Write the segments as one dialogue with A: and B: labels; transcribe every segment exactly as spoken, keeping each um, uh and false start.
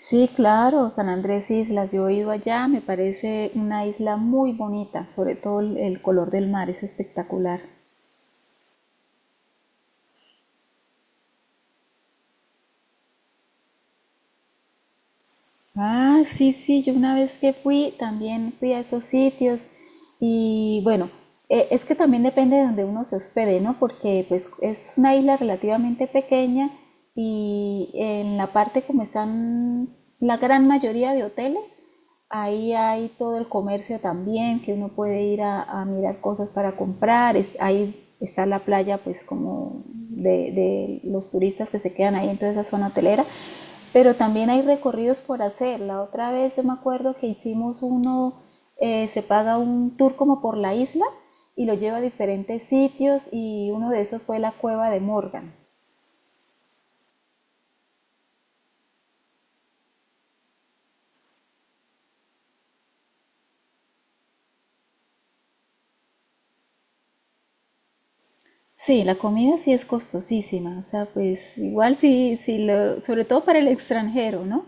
A: Sí, claro, San Andrés Islas, yo he ido allá, me parece una isla muy bonita, sobre todo el, el color del mar es espectacular. Ah, sí, sí, yo una vez que fui, también fui a esos sitios y bueno, eh, es que también depende de donde uno se hospede, ¿no? Porque pues es una isla relativamente pequeña y en la parte como están la gran mayoría de hoteles, ahí hay todo el comercio también, que uno puede ir a, a mirar cosas para comprar. Es, ahí está la playa, pues como de, de los turistas que se quedan ahí en toda esa zona hotelera. Pero también hay recorridos por hacer. La otra vez yo me acuerdo que hicimos uno, eh, se paga un tour como por la isla y lo lleva a diferentes sitios y uno de esos fue la cueva de Morgan. Sí, la comida sí es costosísima, o sea, pues igual sí, sí lo- sobre todo para el extranjero, ¿no?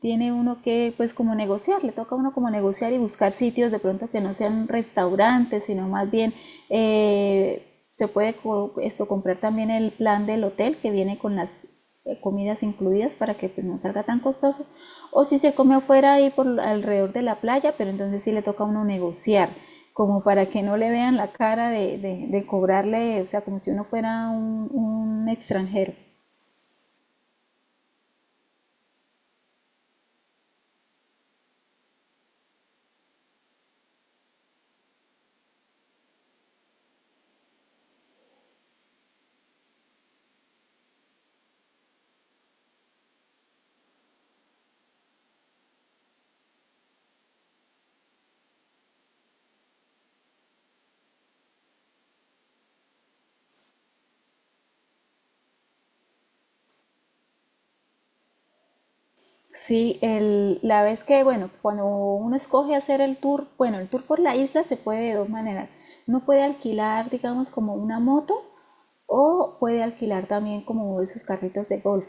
A: Tiene uno que, pues como negociar, le toca a uno como negociar y buscar sitios de pronto que no sean restaurantes, sino más bien eh, se puede co- esto, comprar también el plan del hotel que viene con las eh, comidas incluidas para que pues no salga tan costoso. O si se come afuera ahí por alrededor de la playa, pero entonces sí le toca a uno negociar, como para que no le vean la cara de, de, de cobrarle, o sea, como si uno fuera un, un extranjero. Sí, el, la vez que, bueno, cuando uno escoge hacer el tour, bueno, el tour por la isla se puede de dos maneras. Uno puede alquilar, digamos, como una moto o puede alquilar también como esos carritos de golf.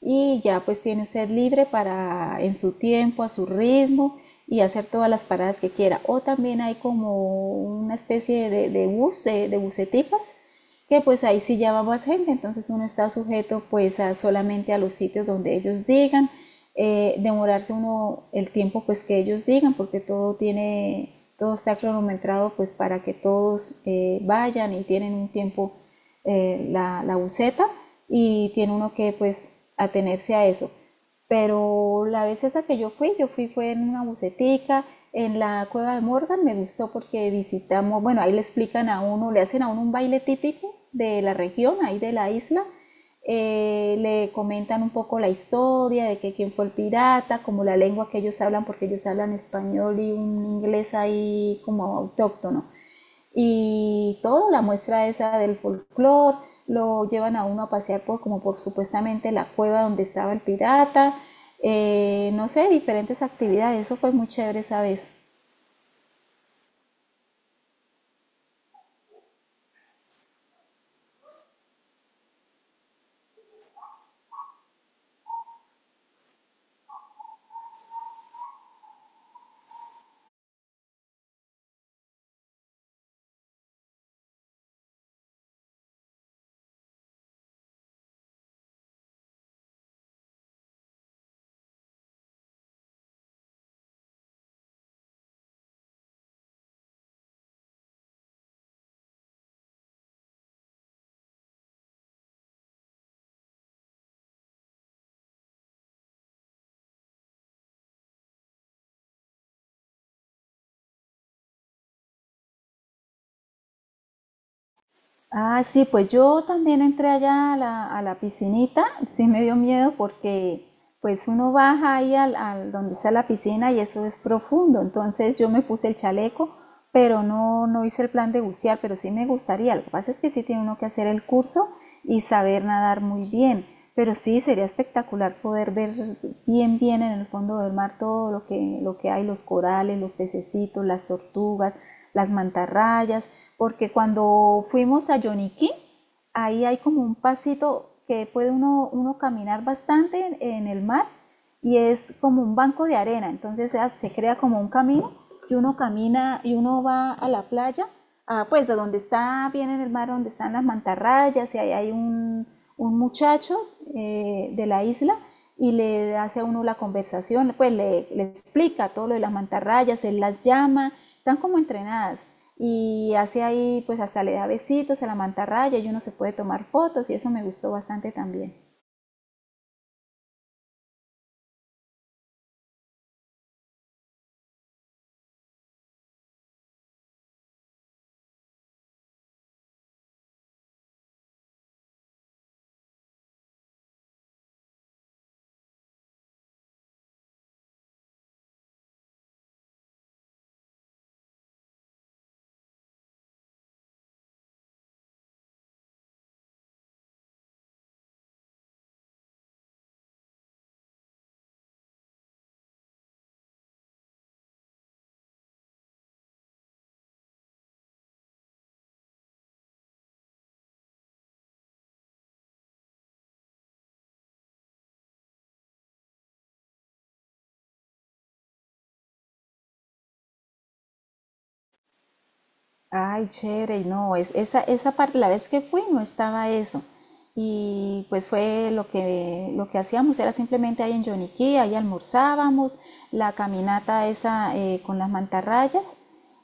A: Y ya pues tiene usted libre para en su tiempo, a su ritmo y hacer todas las paradas que quiera. O también hay como una especie de, de bus, de, de buseticas que pues ahí sí ya va más gente, entonces uno está sujeto pues a solamente a los sitios donde ellos digan, eh, demorarse uno el tiempo pues que ellos digan, porque todo tiene, todo está cronometrado pues para que todos eh, vayan y tienen un tiempo eh, la, la buseta y tiene uno que pues atenerse a eso. Pero la vez esa que yo fui, yo fui fue en una bucetica, en la cueva de Morgan, me gustó porque visitamos, bueno, ahí le explican a uno, le hacen a uno un baile típico de la región, ahí de la isla, eh, le comentan un poco la historia de que quién fue el pirata, como la lengua que ellos hablan, porque ellos hablan español y un inglés ahí como autóctono y toda la muestra esa del folclore, lo llevan a uno a pasear por como por supuestamente la cueva donde estaba el pirata. eh, no sé, diferentes actividades, eso fue muy chévere esa vez. Ah, sí, pues yo también entré allá a la, a la piscinita, sí me dio miedo porque pues uno baja ahí al, al donde está la piscina y eso es profundo, entonces yo me puse el chaleco, pero no, no hice el plan de bucear, pero sí me gustaría, lo que pasa es que sí tiene uno que hacer el curso y saber nadar muy bien, pero sí sería espectacular poder ver bien bien en el fondo del mar todo lo que, lo que hay, los corales, los pececitos, las tortugas, las mantarrayas, porque cuando fuimos a Yoniquí, ahí hay como un pasito que puede uno, uno caminar bastante en, en el mar y es como un banco de arena, entonces se, se crea como un camino y uno camina y uno va a la playa, a, pues a donde está bien en el mar, donde están las mantarrayas y ahí hay un, un muchacho eh, de la isla y le hace a uno la conversación, pues le, le explica todo lo de las mantarrayas, él las llama, están como entrenadas y hace ahí, pues hasta le da besitos a la mantarraya y uno se puede tomar fotos y eso me gustó bastante también. Ay, chévere, no, es, esa, esa parte, la vez que fui no estaba eso. Y pues fue lo que, lo que hacíamos, era simplemente ahí en Yoniquí, ahí almorzábamos, la caminata esa eh, con las mantarrayas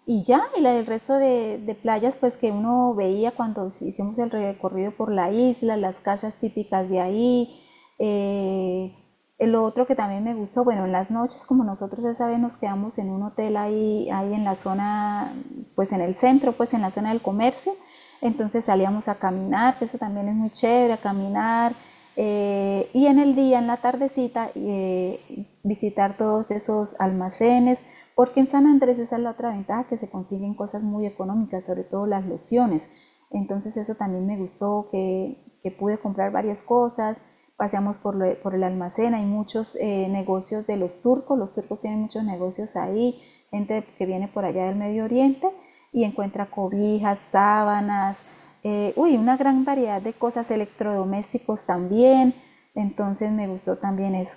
A: y ya, y la del resto de, de playas pues que uno veía cuando si, hicimos el recorrido por la isla, las casas típicas de ahí. eh, el otro que también me gustó, bueno, en las noches, como nosotros ya saben, nos quedamos en un hotel ahí, ahí en la zona, pues en el centro, pues en la zona del comercio. Entonces salíamos a caminar, que eso también es muy chévere, a caminar. eh, y en el día, en la tardecita, eh, visitar todos esos almacenes, porque en San Andrés esa es la otra ventaja, que se consiguen cosas muy económicas, sobre todo las lociones. Entonces eso también me gustó, que, que pude comprar varias cosas, paseamos por, lo, por el almacén, hay muchos eh, negocios de los turcos, los turcos tienen muchos negocios ahí, gente que viene por allá del Medio Oriente y encuentra cobijas, sábanas, eh, uy, una gran variedad de cosas, electrodomésticos también, entonces me gustó también eso.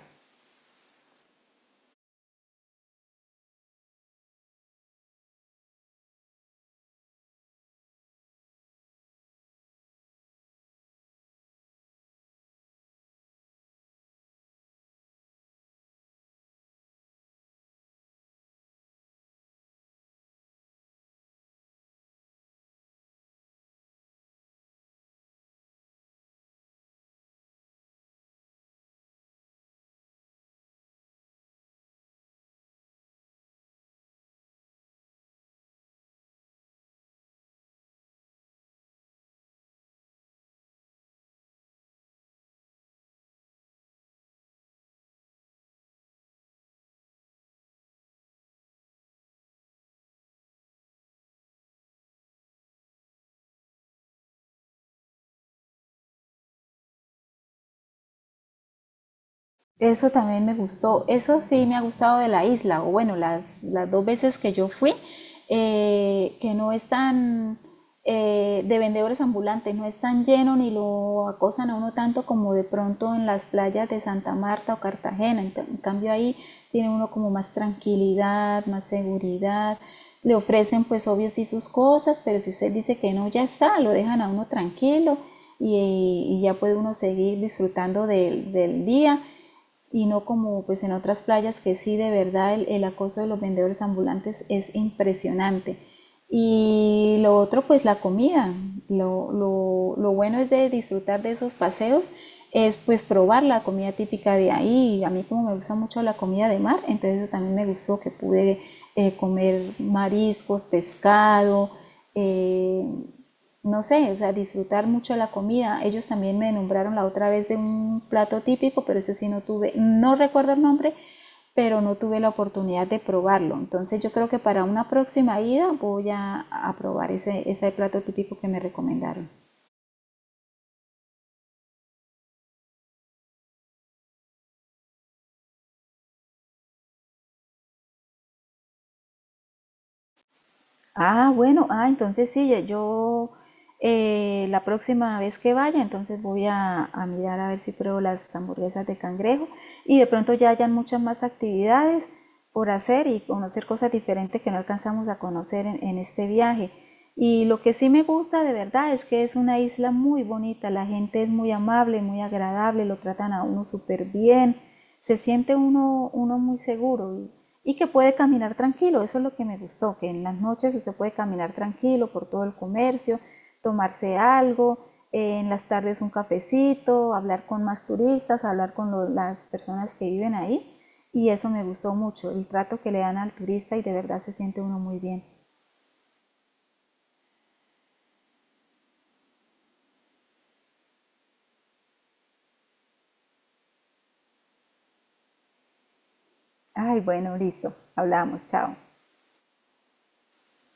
A: Eso también me gustó, eso sí me ha gustado de la isla, o bueno, las, las dos veces que yo fui, eh, que no es tan eh, de vendedores ambulantes, no es tan lleno ni lo acosan a uno tanto como de pronto en las playas de Santa Marta o Cartagena. En, en cambio ahí tiene uno como más tranquilidad, más seguridad. Le ofrecen pues obvio sí sus cosas, pero si usted dice que no, ya está, lo dejan a uno tranquilo y, y ya puede uno seguir disfrutando del, del día y no como pues en otras playas que sí de verdad el, el acoso de los vendedores ambulantes es impresionante. Y lo otro pues la comida. Lo, lo, lo bueno es de disfrutar de esos paseos es pues probar la comida típica de ahí. A mí como me gusta mucho la comida de mar, entonces eso también me gustó que pude eh, comer mariscos, pescado, eh, no sé, o sea, disfrutar mucho la comida. Ellos también me nombraron la otra vez de un plato típico, pero eso sí no tuve, no recuerdo el nombre, pero no tuve la oportunidad de probarlo. Entonces yo creo que para una próxima ida voy a, a probar ese, ese plato típico que me recomendaron. Ah, bueno, ah, entonces sí, ya yo eh, la próxima vez que vaya, entonces voy a, a mirar a ver si pruebo las hamburguesas de cangrejo y de pronto ya hayan muchas más actividades por hacer y conocer cosas diferentes que no alcanzamos a conocer en, en este viaje. Y lo que sí me gusta de verdad es que es una isla muy bonita, la gente es muy amable, muy agradable, lo tratan a uno súper bien, se siente uno, uno muy seguro y, y que puede caminar tranquilo. Eso es lo que me gustó, que en las noches sí se puede caminar tranquilo por todo el comercio, tomarse algo, eh, en las tardes un cafecito, hablar con más turistas, hablar con lo- las personas que viven ahí. Y eso me gustó mucho, el trato que le dan al turista y de verdad se siente uno muy bien. Ay, bueno, listo, hablamos, chao.